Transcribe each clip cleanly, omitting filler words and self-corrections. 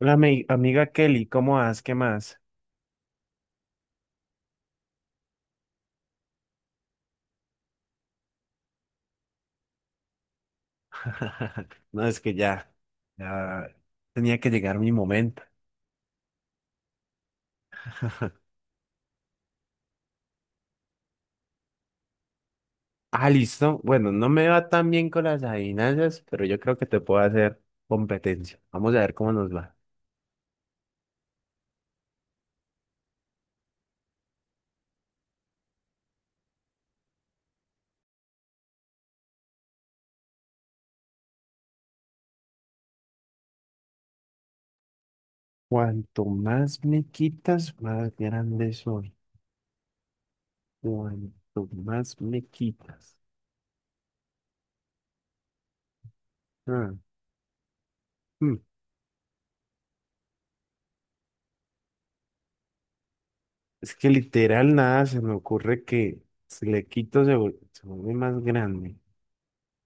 Hola, amiga Kelly, ¿cómo vas? ¿Qué más? No, es que ya, ya tenía que llegar mi momento. Ah, listo. Bueno, no me va tan bien con las adivinanzas, pero yo creo que te puedo hacer competencia. Vamos a ver cómo nos va. Cuanto más me quitas, más grande soy. Cuanto más me quitas. Ah, hmm. Es que literal nada se me ocurre que si le quito, se vuelve más grande.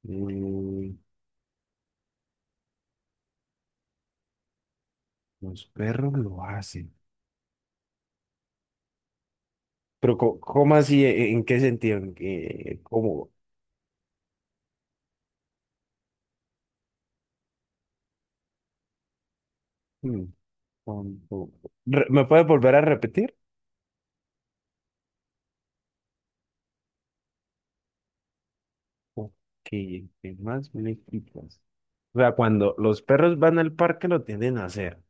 Mm, los perros lo hacen. Pero, ¿cómo así? ¿En qué sentido? ¿Cómo? Mm, con- ¿Me puedes volver a repetir? Ok, ¿qué más me quitas? O sea, cuando los perros van al parque lo tienden a hacer.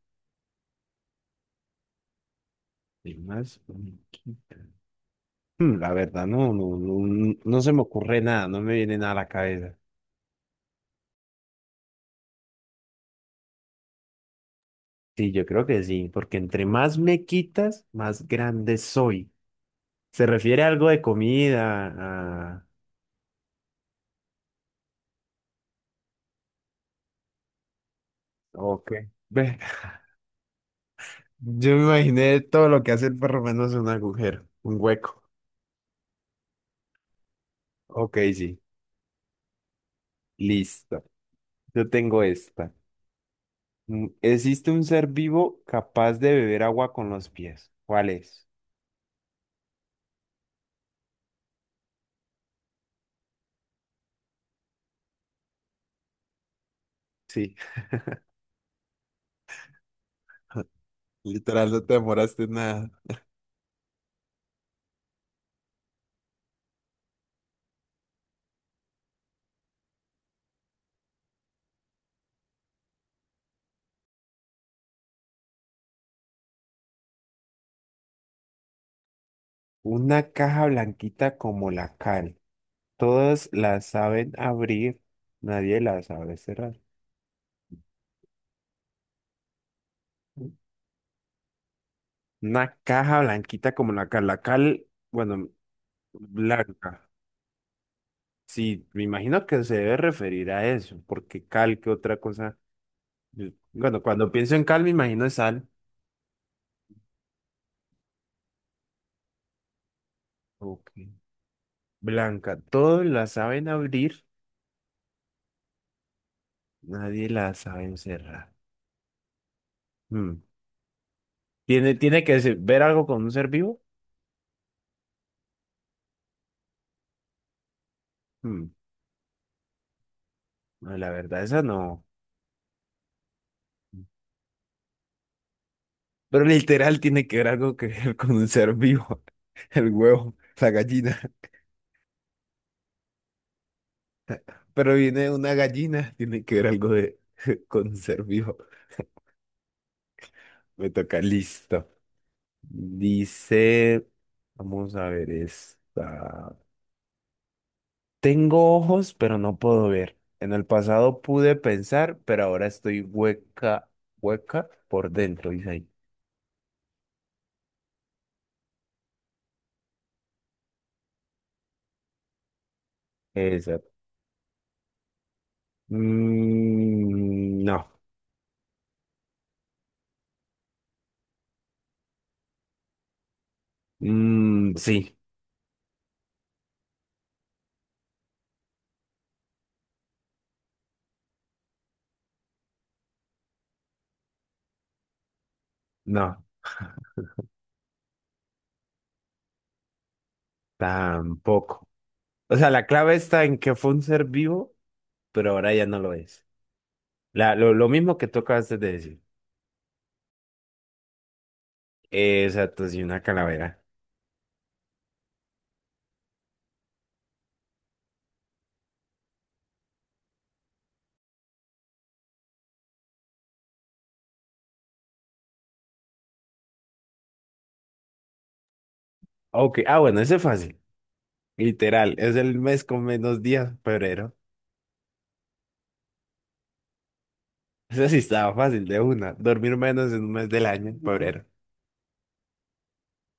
¿Qué más me quitas? La verdad, no se me ocurre nada, no me viene nada a la cabeza. Sí, yo creo que sí, porque entre más me quitas, más grande soy. ¿Se refiere a algo de comida? A... Ok. Ve, yo me imaginé todo lo que hace el perro menos un agujero, un hueco. Ok, sí, listo. Yo tengo esta. ¿Existe un ser vivo capaz de beber agua con los pies? ¿Cuál es? Sí, literal, no te demoraste nada. Una caja blanquita como la cal. Todas la saben abrir, nadie la sabe cerrar. Una caja blanquita como la cal. La cal, bueno, blanca. Sí, me imagino que se debe referir a eso, porque cal, ¿qué otra cosa? Yo... Bueno, cuando pienso en cal, me imagino sal. Ok. Blanca, todos la saben abrir, nadie la sabe cerrar. Mm. ¿¿Tiene que ver algo con un ser vivo? Mm. No, la verdad, esa no. Pero literal tiene que ver algo que ver con un ser vivo. El huevo, la gallina. Pero viene una gallina, tiene que ver algo de, con un ser vivo. Me toca, listo. Dice, vamos a ver esta. Tengo ojos, pero no puedo ver. En el pasado pude pensar, pero ahora estoy hueca, hueca por dentro, dice ahí. Esa. Mm, no. Mm, sí, no, tampoco. O sea, la clave está en que fue un ser vivo, pero ahora ya no lo es. Lo mismo que tú acabaste de decir. Exacto, sí, una calavera. Ok, ah, bueno, ese es fácil. Literal, es el mes con menos días, febrero. Eso sí estaba fácil de una. Dormir menos en un mes del año, febrero.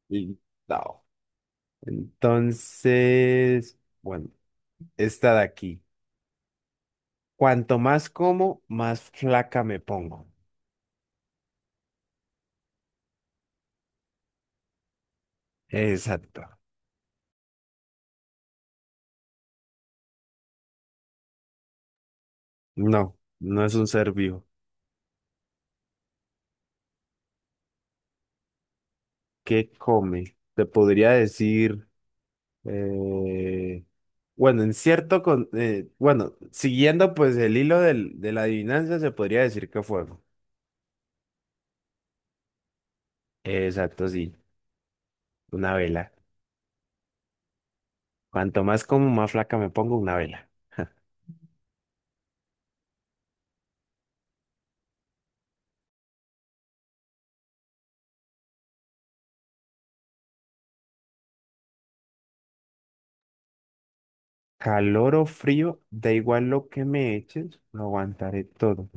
Y no. Entonces, bueno, esta de aquí. Cuanto más como, más flaca me pongo. Exacto. No, no es un ser vivo. ¿Qué come? Te podría decir, eh, bueno, en cierto, bueno, siguiendo pues el hilo de la adivinanza, se podría decir que fuego. Exacto, sí. Una vela. Cuanto más como, más flaca me pongo una vela. Calor o frío, da igual lo que me eches, lo aguantaré todo.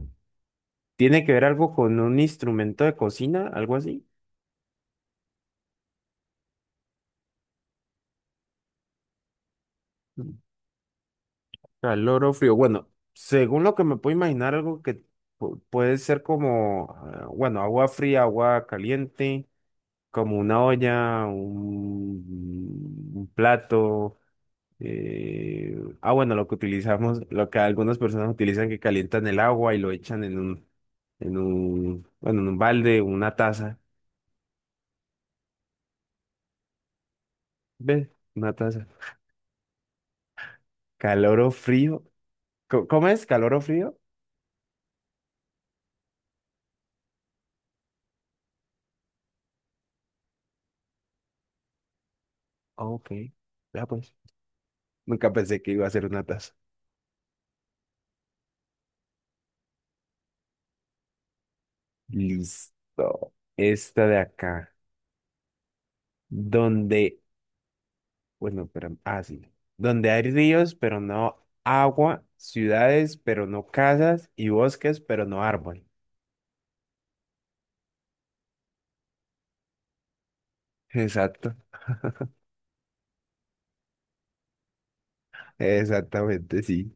¿Tiene que ver algo con un instrumento de cocina, algo así? Mm. Calor o frío. Bueno, según lo que me puedo imaginar, algo que puede ser como, ah, bueno, agua fría, agua caliente, como una olla, un plato. Eh, bueno, lo que utilizamos, lo que algunas personas utilizan que calientan el agua y lo echan en bueno, en un balde, una taza. ¿Ves? Una taza. Calor o frío. ¿Cómo es? ¿Calor o frío? Ah, ok. Ya pues. Nunca pensé que iba a ser una taza. Listo. Esta de acá. Donde, bueno, pero, ah, sí. Donde hay ríos, pero no agua, ciudades, pero no casas, y bosques, pero no árbol. Exacto. Exactamente, sí.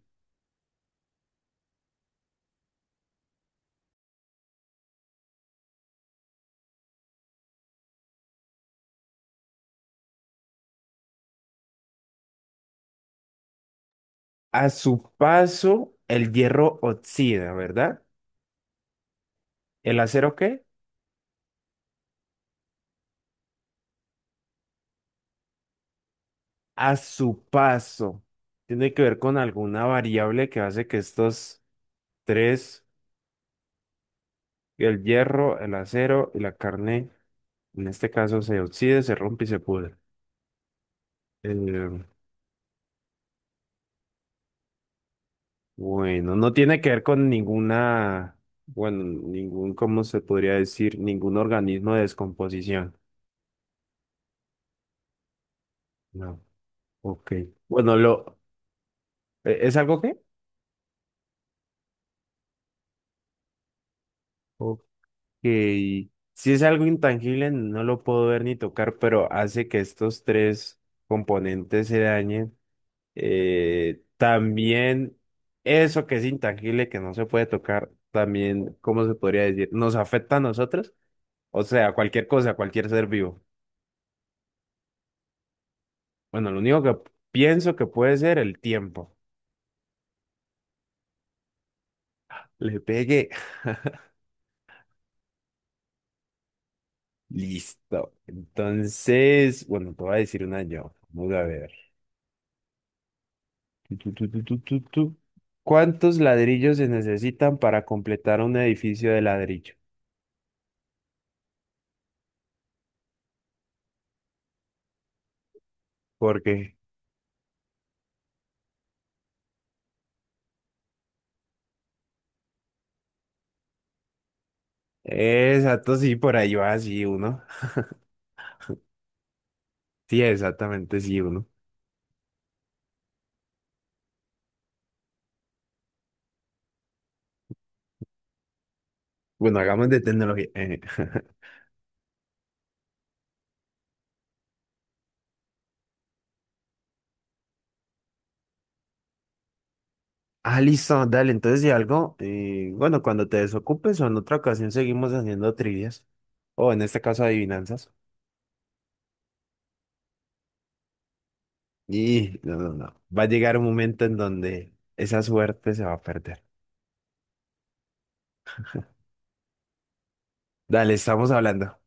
A su paso, el hierro oxida, ¿verdad? ¿El acero qué? A su paso. Tiene que ver con alguna variable que hace que estos tres, el hierro, el acero y la carne, en este caso, se oxide, se rompe y se pudre. Eh, bueno, no tiene que ver con ninguna, bueno, ningún, ¿cómo se podría decir? Ningún organismo de descomposición. No. Ok. Bueno, es algo qué? Que si es algo intangible, no lo puedo ver ni tocar, pero hace que estos tres componentes se dañen. También eso que es intangible, que no se puede tocar, también, ¿cómo se podría decir? Nos afecta a nosotros, o sea, cualquier cosa, cualquier ser vivo. Bueno, lo único que pienso que puede ser el tiempo. Le pegué. Listo. Entonces, bueno, te voy a decir una yo. Vamos a ver. Tu, tu, tu, tu, tu, tu, tu. ¿Cuántos ladrillos se necesitan para completar un edificio de ladrillo? Porque, exacto, sí, por ahí va, sí, uno. Sí, exactamente, sí, uno. Bueno, hagamos de tecnología. Eh. Ah, listo, dale, entonces si algo, bueno, cuando te desocupes o en otra ocasión seguimos haciendo trivias, o en este caso adivinanzas. Y no, va a llegar un momento en donde esa suerte se va a perder. Dale, estamos hablando.